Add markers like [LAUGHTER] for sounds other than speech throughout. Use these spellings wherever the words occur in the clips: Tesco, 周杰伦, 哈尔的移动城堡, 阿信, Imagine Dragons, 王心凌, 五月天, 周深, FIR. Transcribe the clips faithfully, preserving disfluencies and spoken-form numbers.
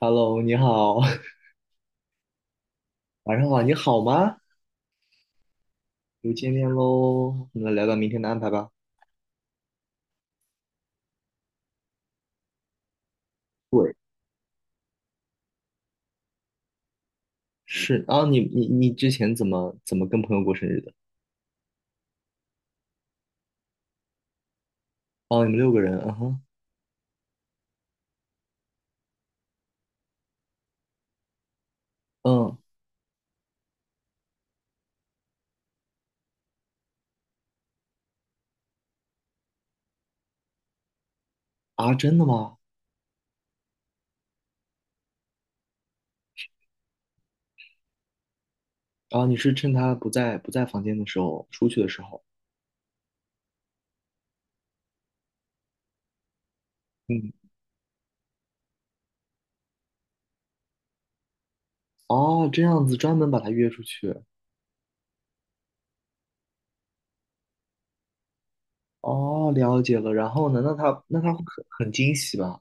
Hello,你好，[LAUGHS] 晚上好，你好吗？又见面喽，我们来聊聊明天的安排吧。对，是啊，你你你之前怎么怎么跟朋友过生日的？哦，你们六个人，嗯哼，嗯。啊，真的吗？啊，你是趁他不在不在房间的时候，出去的时候，嗯，哦，这样子专门把他约出去，哦，了解了。然后呢，那他那他会很很惊喜吧？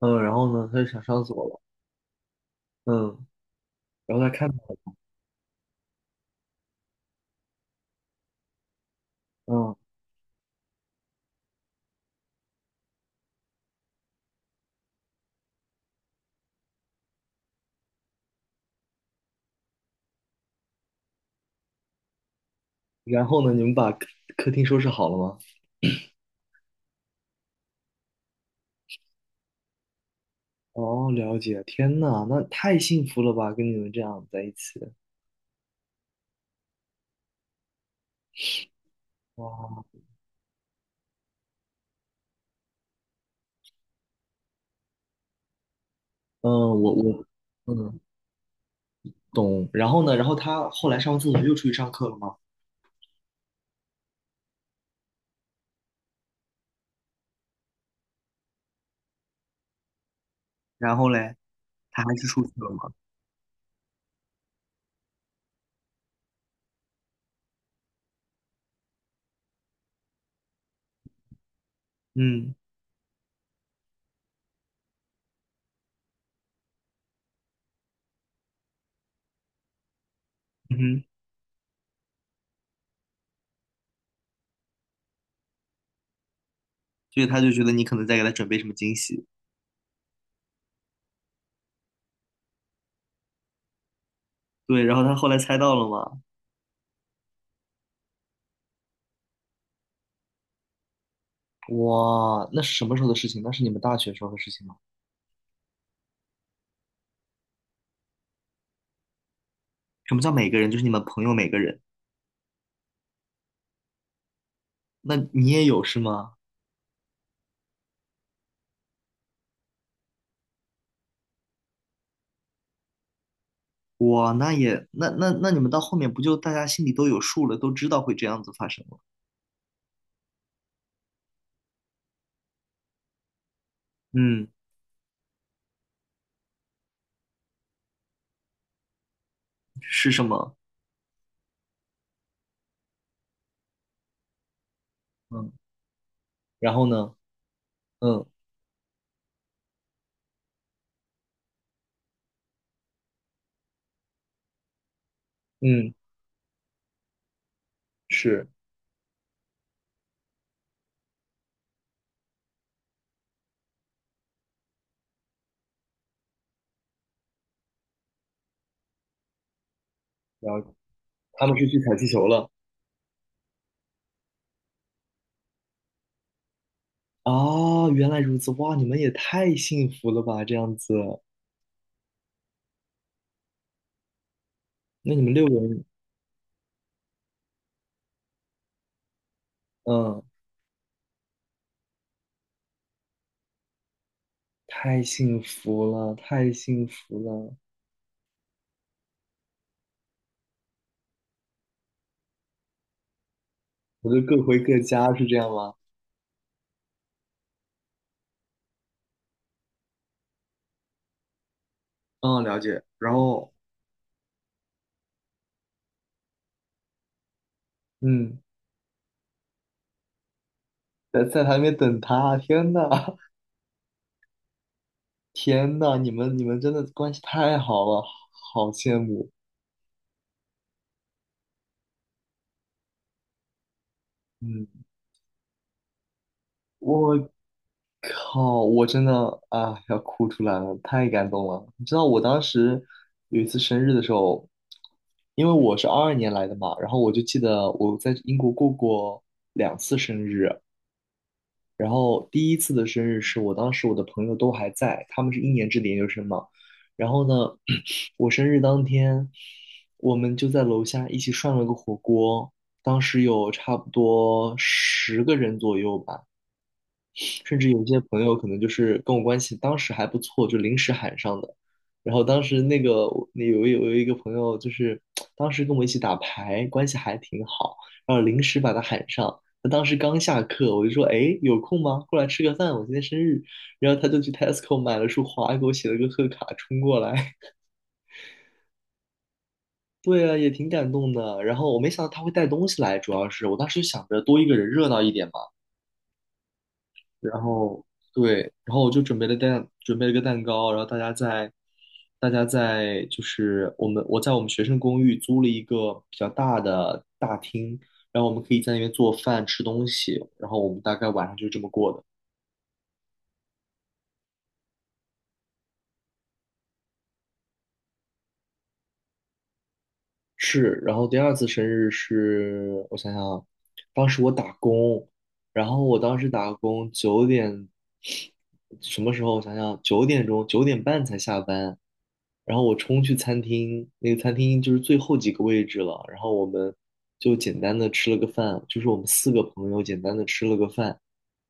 嗯，然后呢，他就想上厕所了，嗯，然后他看到嗯，然后呢，你们把客客厅收拾好了吗？哦，了解，天呐，那太幸福了吧，跟你们这样在一起。哇，嗯，我我嗯懂。然后呢，然后他后来上完厕所又出去上课了吗？然后嘞，他还是出去了吗？嗯，嗯哼，所以他就觉得你可能在给他准备什么惊喜。对，然后他后来猜到了吗？哇，那是什么时候的事情？那是你们大学时候的事情吗？什么叫每个人？就是你们朋友每个人。那你也有是吗？哇，那也那那那你们到后面不就大家心里都有数了，都知道会这样子发生了？嗯，是什么？嗯，然后呢？嗯嗯，是，然后他们是去踩气球了。啊，原来如此，哇，你们也太幸福了吧，这样子，那你们六个人，嗯，太幸福了，太幸福了，我就各回各家，是这样吗？嗯，了解。然后，嗯，在在台面等他，天呐，[LAUGHS] 天呐，你们你们真的关系太好了，好羡慕。嗯，我靠！我真的啊，要哭出来了，太感动了。你知道我当时有一次生日的时候，因为我是二二年来的嘛，然后我就记得我在英国过过两次生日，然后第一次的生日是我当时我的朋友都还在，他们是一年制的研究生嘛，然后呢，[CLEARS THROAT] 我生日当天，我们就在楼下一起涮了个火锅，当时有差不多十个人左右吧。甚至有些朋友可能就是跟我关系当时还不错，就临时喊上的。然后当时那个那有有有一个朋友，就是当时跟我一起打牌，关系还挺好，然后临时把他喊上。他当时刚下课，我就说："哎，有空吗？过来吃个饭，我今天生日。"然后他就去 Tesco 买了束花，给我写了个贺卡，冲过来。[LAUGHS] 对啊，也挺感动的。然后我没想到他会带东西来，主要是我当时就想着多一个人热闹一点嘛。然后对，然后我就准备了蛋，准备了个蛋糕，然后大家在，大家在就是我们我在我们学生公寓租了一个比较大的大厅，然后我们可以在那边做饭吃东西，然后我们大概晚上就这么过的。是，然后第二次生日是我想想啊，当时我打工，然后我当时打工九点，什么时候？我想想，九点钟九点半才下班，然后我冲去餐厅，那个餐厅就是最后几个位置了，然后我们就简单的吃了个饭，就是我们四个朋友简单的吃了个饭，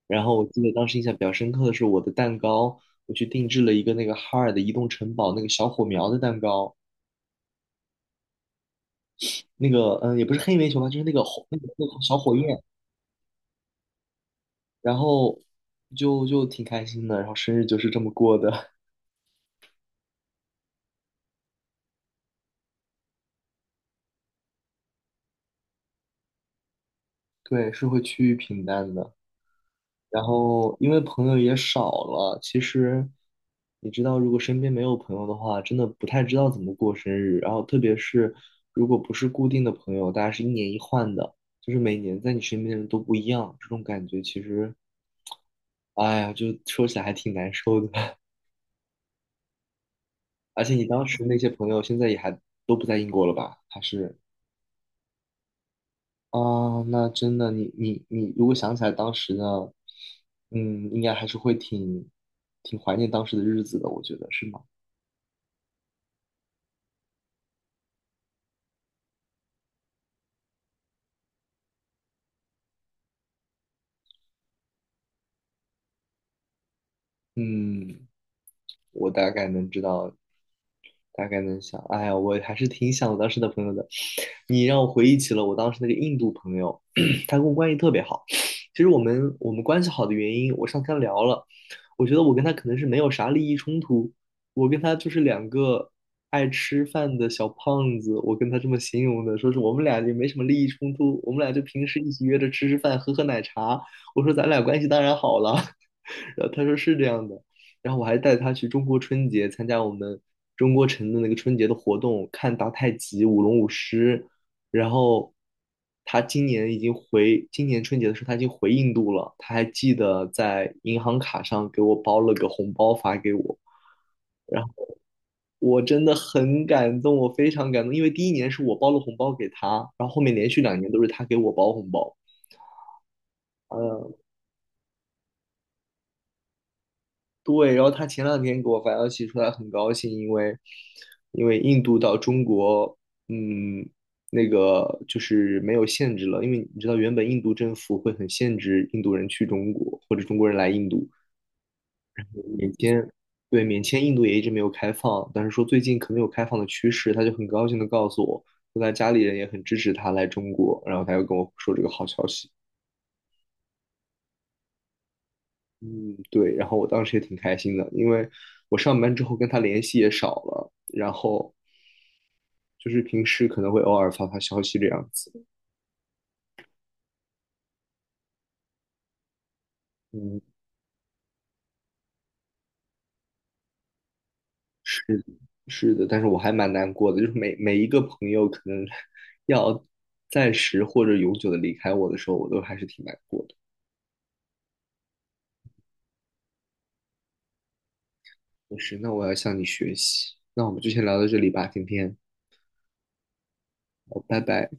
然后我记得当时印象比较深刻的是我的蛋糕，我去定制了一个那个哈尔的移动城堡那个小火苗的蛋糕。那个嗯，也不是黑煤球吧，就是那个火那个那个小火焰，然后就就挺开心的，然后生日就是这么过的，[LAUGHS] 对，是会趋于平淡的。然后因为朋友也少了，其实你知道，如果身边没有朋友的话，真的不太知道怎么过生日。然后特别是如果不是固定的朋友，大家是一年一换的，就是每年在你身边的人都不一样，这种感觉其实，哎呀，就说起来还挺难受的。而且你当时那些朋友现在也还都不在英国了吧？还是啊，那真的，你你你，如果想起来当时呢，嗯，应该还是会挺挺怀念当时的日子的，我觉得是吗？嗯，我大概能知道大概能想。哎呀，我还是挺想我当时的朋友的。你让我回忆起了我当时那个印度朋友，[CLEARS THROAT] 他跟我关系特别好。其实我们我们关系好的原因，我上天聊了，我觉得我跟他可能是没有啥利益冲突，我跟他就是两个爱吃饭的小胖子，我跟他这么形容的，说是我们俩也没什么利益冲突，我们俩就平时一起约着吃吃饭，喝喝奶茶。我说咱俩关系当然好了，[LAUGHS] 然后他说是这样的。然后我还带他去中国春节参加我们中国城的那个春节的活动，看打太极、舞龙舞狮。然后他今年已经回，今年春节的时候他已经回印度了，他还记得在银行卡上给我包了个红包发给我。然后我真的很感动，我非常感动，因为第一年是我包了红包给他，然后后面连续两年都是他给我包红包。嗯。对，然后他前两天给我发消息说他很高兴，因为因为印度到中国，嗯，那个就是没有限制了，因为你知道原本印度政府会很限制印度人去中国或者中国人来印度，免签，对，免签印度也一直没有开放，但是说最近可能有开放的趋势，他就很高兴的告诉我，说他家里人也很支持他来中国，然后他又跟我说这个好消息。嗯，对，然后我当时也挺开心的，因为我上班之后跟他联系也少了，然后就是平时可能会偶尔发发消息这样子。嗯，是的是的，但是我还蛮难过的，就是每每一个朋友可能 [LAUGHS] 要暂时或者永久的离开我的时候，我都还是挺难过的。就是，那我要向你学习。那我们就先聊到这里吧，今天，好，拜拜。